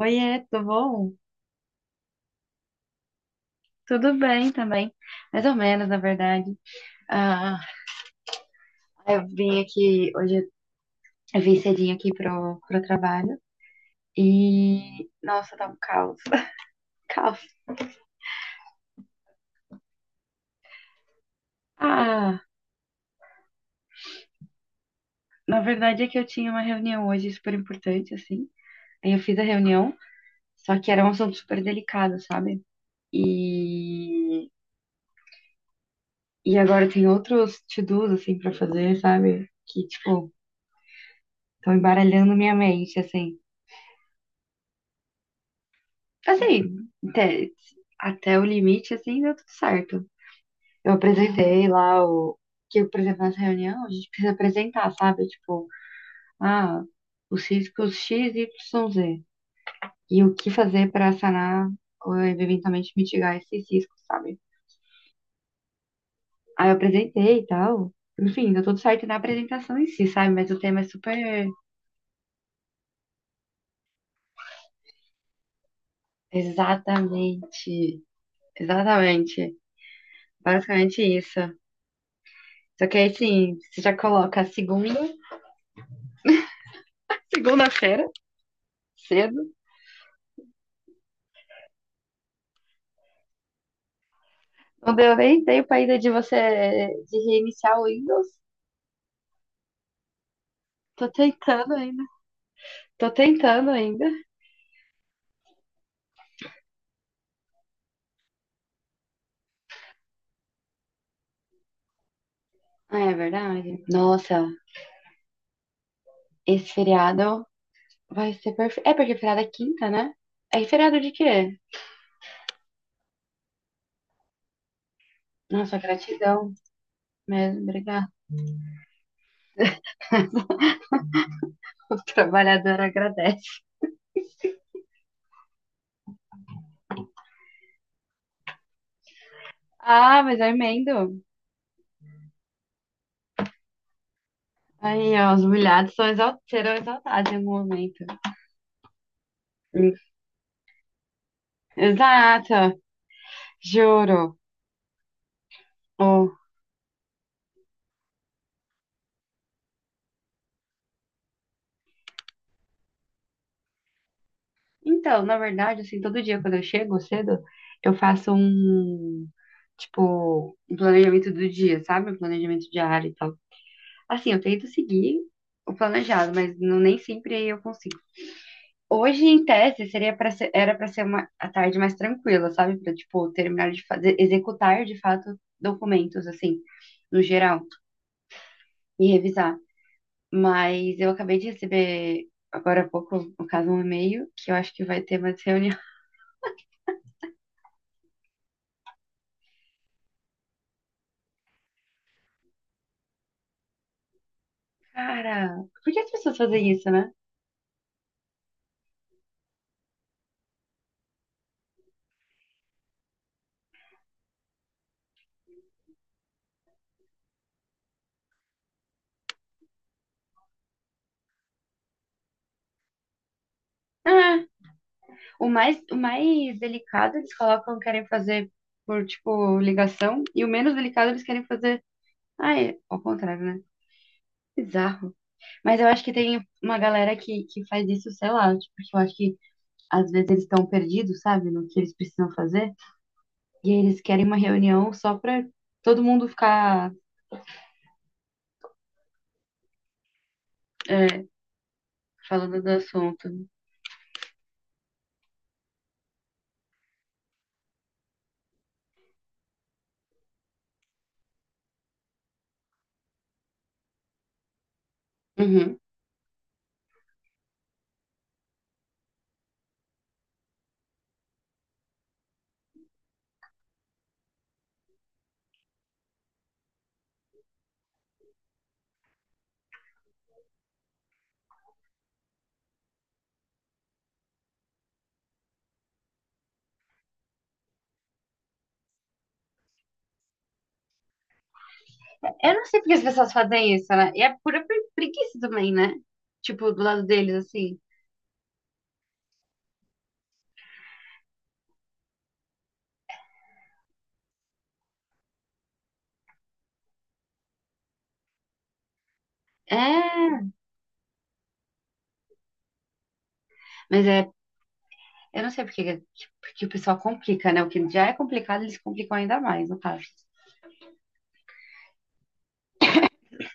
Oiê, tudo bom? Tudo bem também, mais ou menos, na verdade. Ah, eu vim aqui, hoje eu vim cedinho aqui pro trabalho e, nossa, tá um caos, caos. Ah, na verdade é que eu tinha uma reunião hoje super importante, assim, aí eu fiz a reunião, só que era um assunto super delicado, sabe? E, e agora tem outros to-dos, assim, pra fazer, sabe? Que, tipo, estão embaralhando minha mente, assim. Assim, até, até o limite, assim, deu tudo certo. Eu apresentei lá o. Que, por exemplo, nessa reunião, a gente precisa apresentar, sabe? Tipo, ah, os riscos X, Y, Z. E o que fazer para sanar ou eventualmente mitigar esses riscos, sabe? Aí eu apresentei e tal. Enfim, deu tudo certo na apresentação em si, sabe? Mas o tema é super. Exatamente. Exatamente. Basicamente isso. Só que aí, assim, você já coloca segunda-feira. Cedo. Não deu nem tempo ainda de você de reiniciar o Windows. Tô tentando ainda. Tô tentando ainda. Ah, é verdade. Nossa, esse feriado vai ser perfeito. É porque feriado é quinta, né? É feriado de quê? Nossa, gratidão mesmo, obrigada. O trabalhador agradece. Ah, mas eu emendo. Aí, ó, os humilhados são exalt serão exaltados em algum momento. Hum, Exato, juro. Ó, então, na verdade, assim, todo dia quando eu chego cedo, eu faço um, tipo, um planejamento do dia, sabe? Um planejamento diário e tal. Assim, eu tento seguir o planejado, mas não, nem sempre eu consigo. Hoje, em tese, era para ser uma a tarde mais tranquila, sabe? Para, tipo, terminar de fazer, executar de fato documentos, assim, no geral, e revisar. Mas eu acabei de receber agora há pouco, no caso, um e-mail que eu acho que vai ter mais reunião. Cara, por que as pessoas fazem isso, né? Ah, o mais delicado eles colocam, querem fazer por, tipo, ligação, e o menos delicado eles querem fazer. Ah, é, ao contrário, né? Bizarro. Mas eu acho que tem uma galera que faz isso, sei lá, tipo, porque eu acho que às vezes eles estão perdidos, sabe, no que eles precisam fazer, e aí eles querem uma reunião só pra todo mundo ficar, é, falando do assunto. Uhum. Eu não sei porque as pessoas fazem isso, né? E é pura preguiça também, né? Tipo, do lado deles, assim. É, mas é, eu não sei porque, porque o pessoal complica, né? O que já é complicado, eles complicam ainda mais, no caso.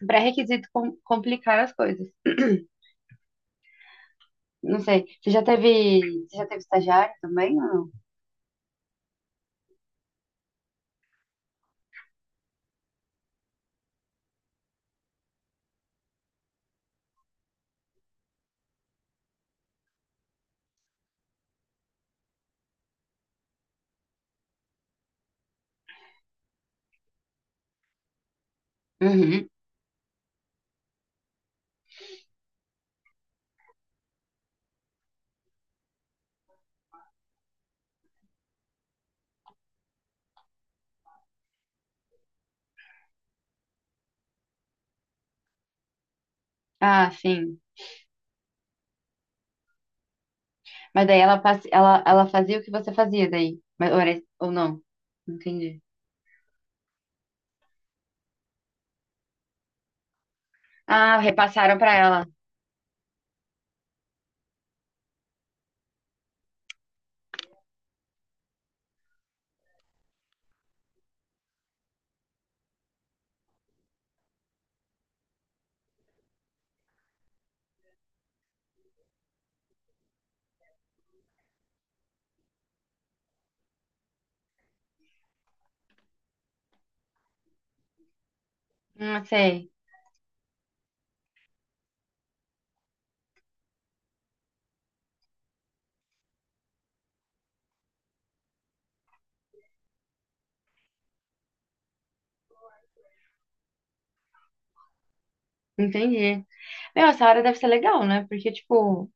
Pré-requisito complicar as coisas. Não sei. Você já teve estagiário também ou não? Uhum. Ah, sim. Mas daí ela, ela fazia o que você fazia daí. Mas, ou, era- ou não? Entendi. Ah, repassaram pra ela. Não sei. Entendi. Meu, essa área deve ser legal, né? Porque, tipo,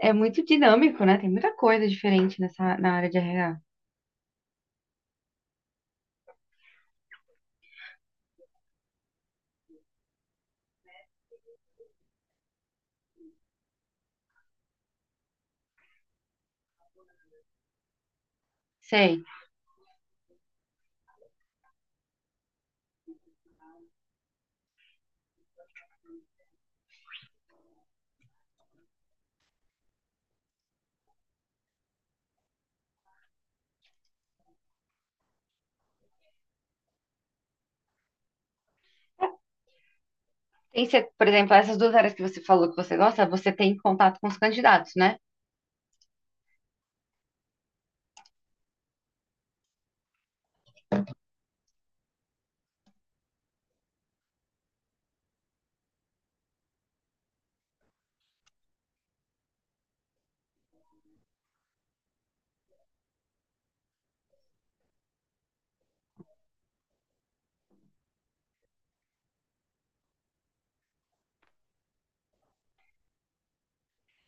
é muito dinâmico, né? Tem muita coisa diferente nessa, na área de RH. Sei. Tem, se- por exemplo, essas duas áreas que você falou que você gosta, você tem contato com os candidatos, né?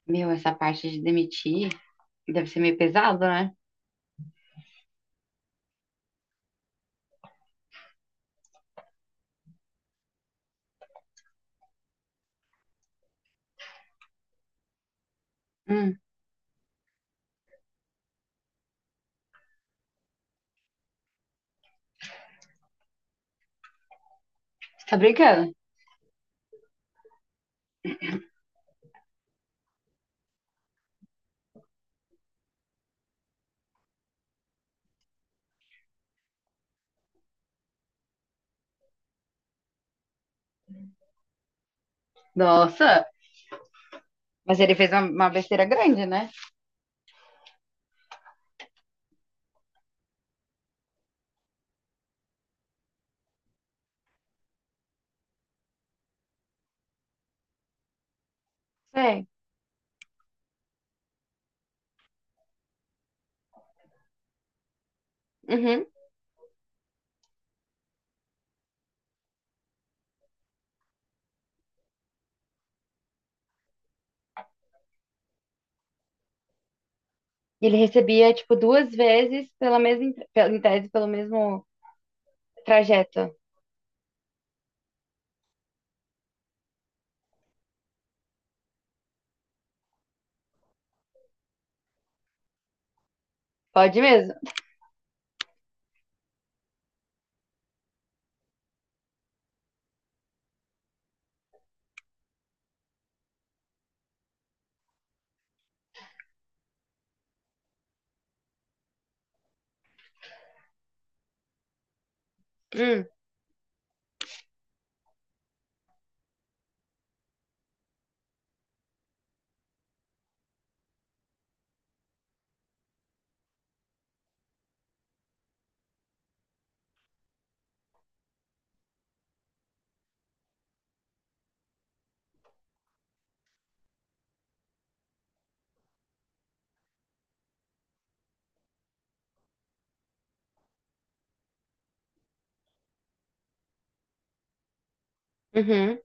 Meu, essa parte de demitir deve ser meio pesado, né? Hum, você tá brincando? Nossa, mas ele fez uma besteira grande, né? Sei. Uhum. E ele recebia, tipo, duas vezes pela mesma, em tese, pelo mesmo trajeto. Pode mesmo? Hum, uhum.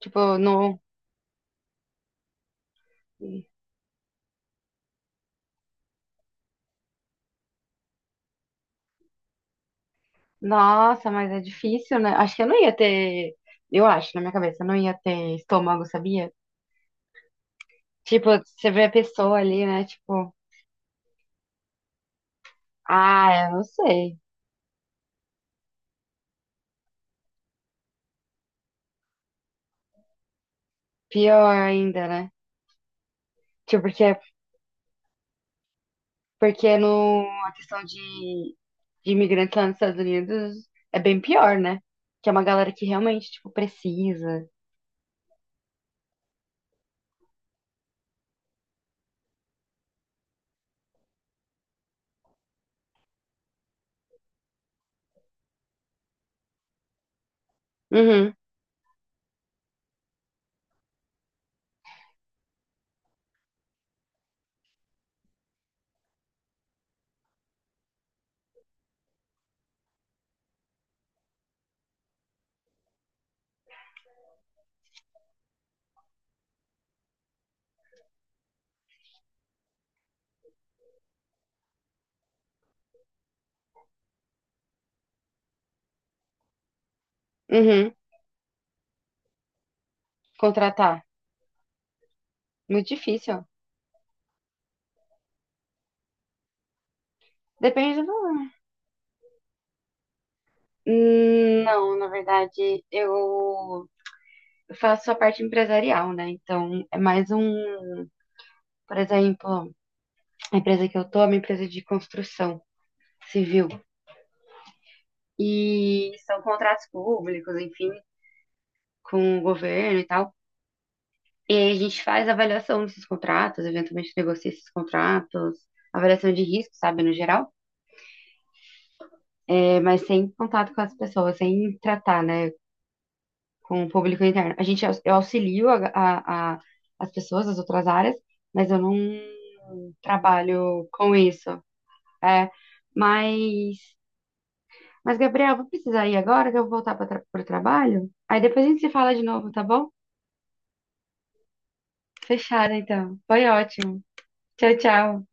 Tipo, no. Nossa, mas é difícil, né? Acho que eu não ia ter. Eu acho, na minha cabeça, eu não ia ter estômago, sabia? Tipo, você vê a pessoa ali, né? Tipo, ah, eu não sei. Pior ainda, né? Tipo, porque, porque no, a questão de imigrantes lá nos Estados Unidos é bem pior, né? Que é uma galera que realmente, tipo, precisa. Uhum, uhum. Contratar. Muito difícil. Depende do valor. Não, na verdade, eu. Eu faço a parte empresarial, né? Então, é mais um, por exemplo, a empresa que eu tô é uma empresa de construção civil. E são contratos públicos, enfim, com o governo e tal. E aí a gente faz avaliação desses contratos, eventualmente negocia esses contratos, avaliação de risco, sabe, no geral. É, mas sem contato com as pessoas, sem tratar, né, com o público interno. A gente, eu auxilio as pessoas das outras áreas, mas eu não trabalho com isso. É, mas, mas Gabriel, vou precisar ir agora que eu vou voltar para o trabalho. Aí depois a gente se fala de novo, tá bom? Fechado, então. Foi ótimo. Tchau, tchau.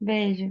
Beijo.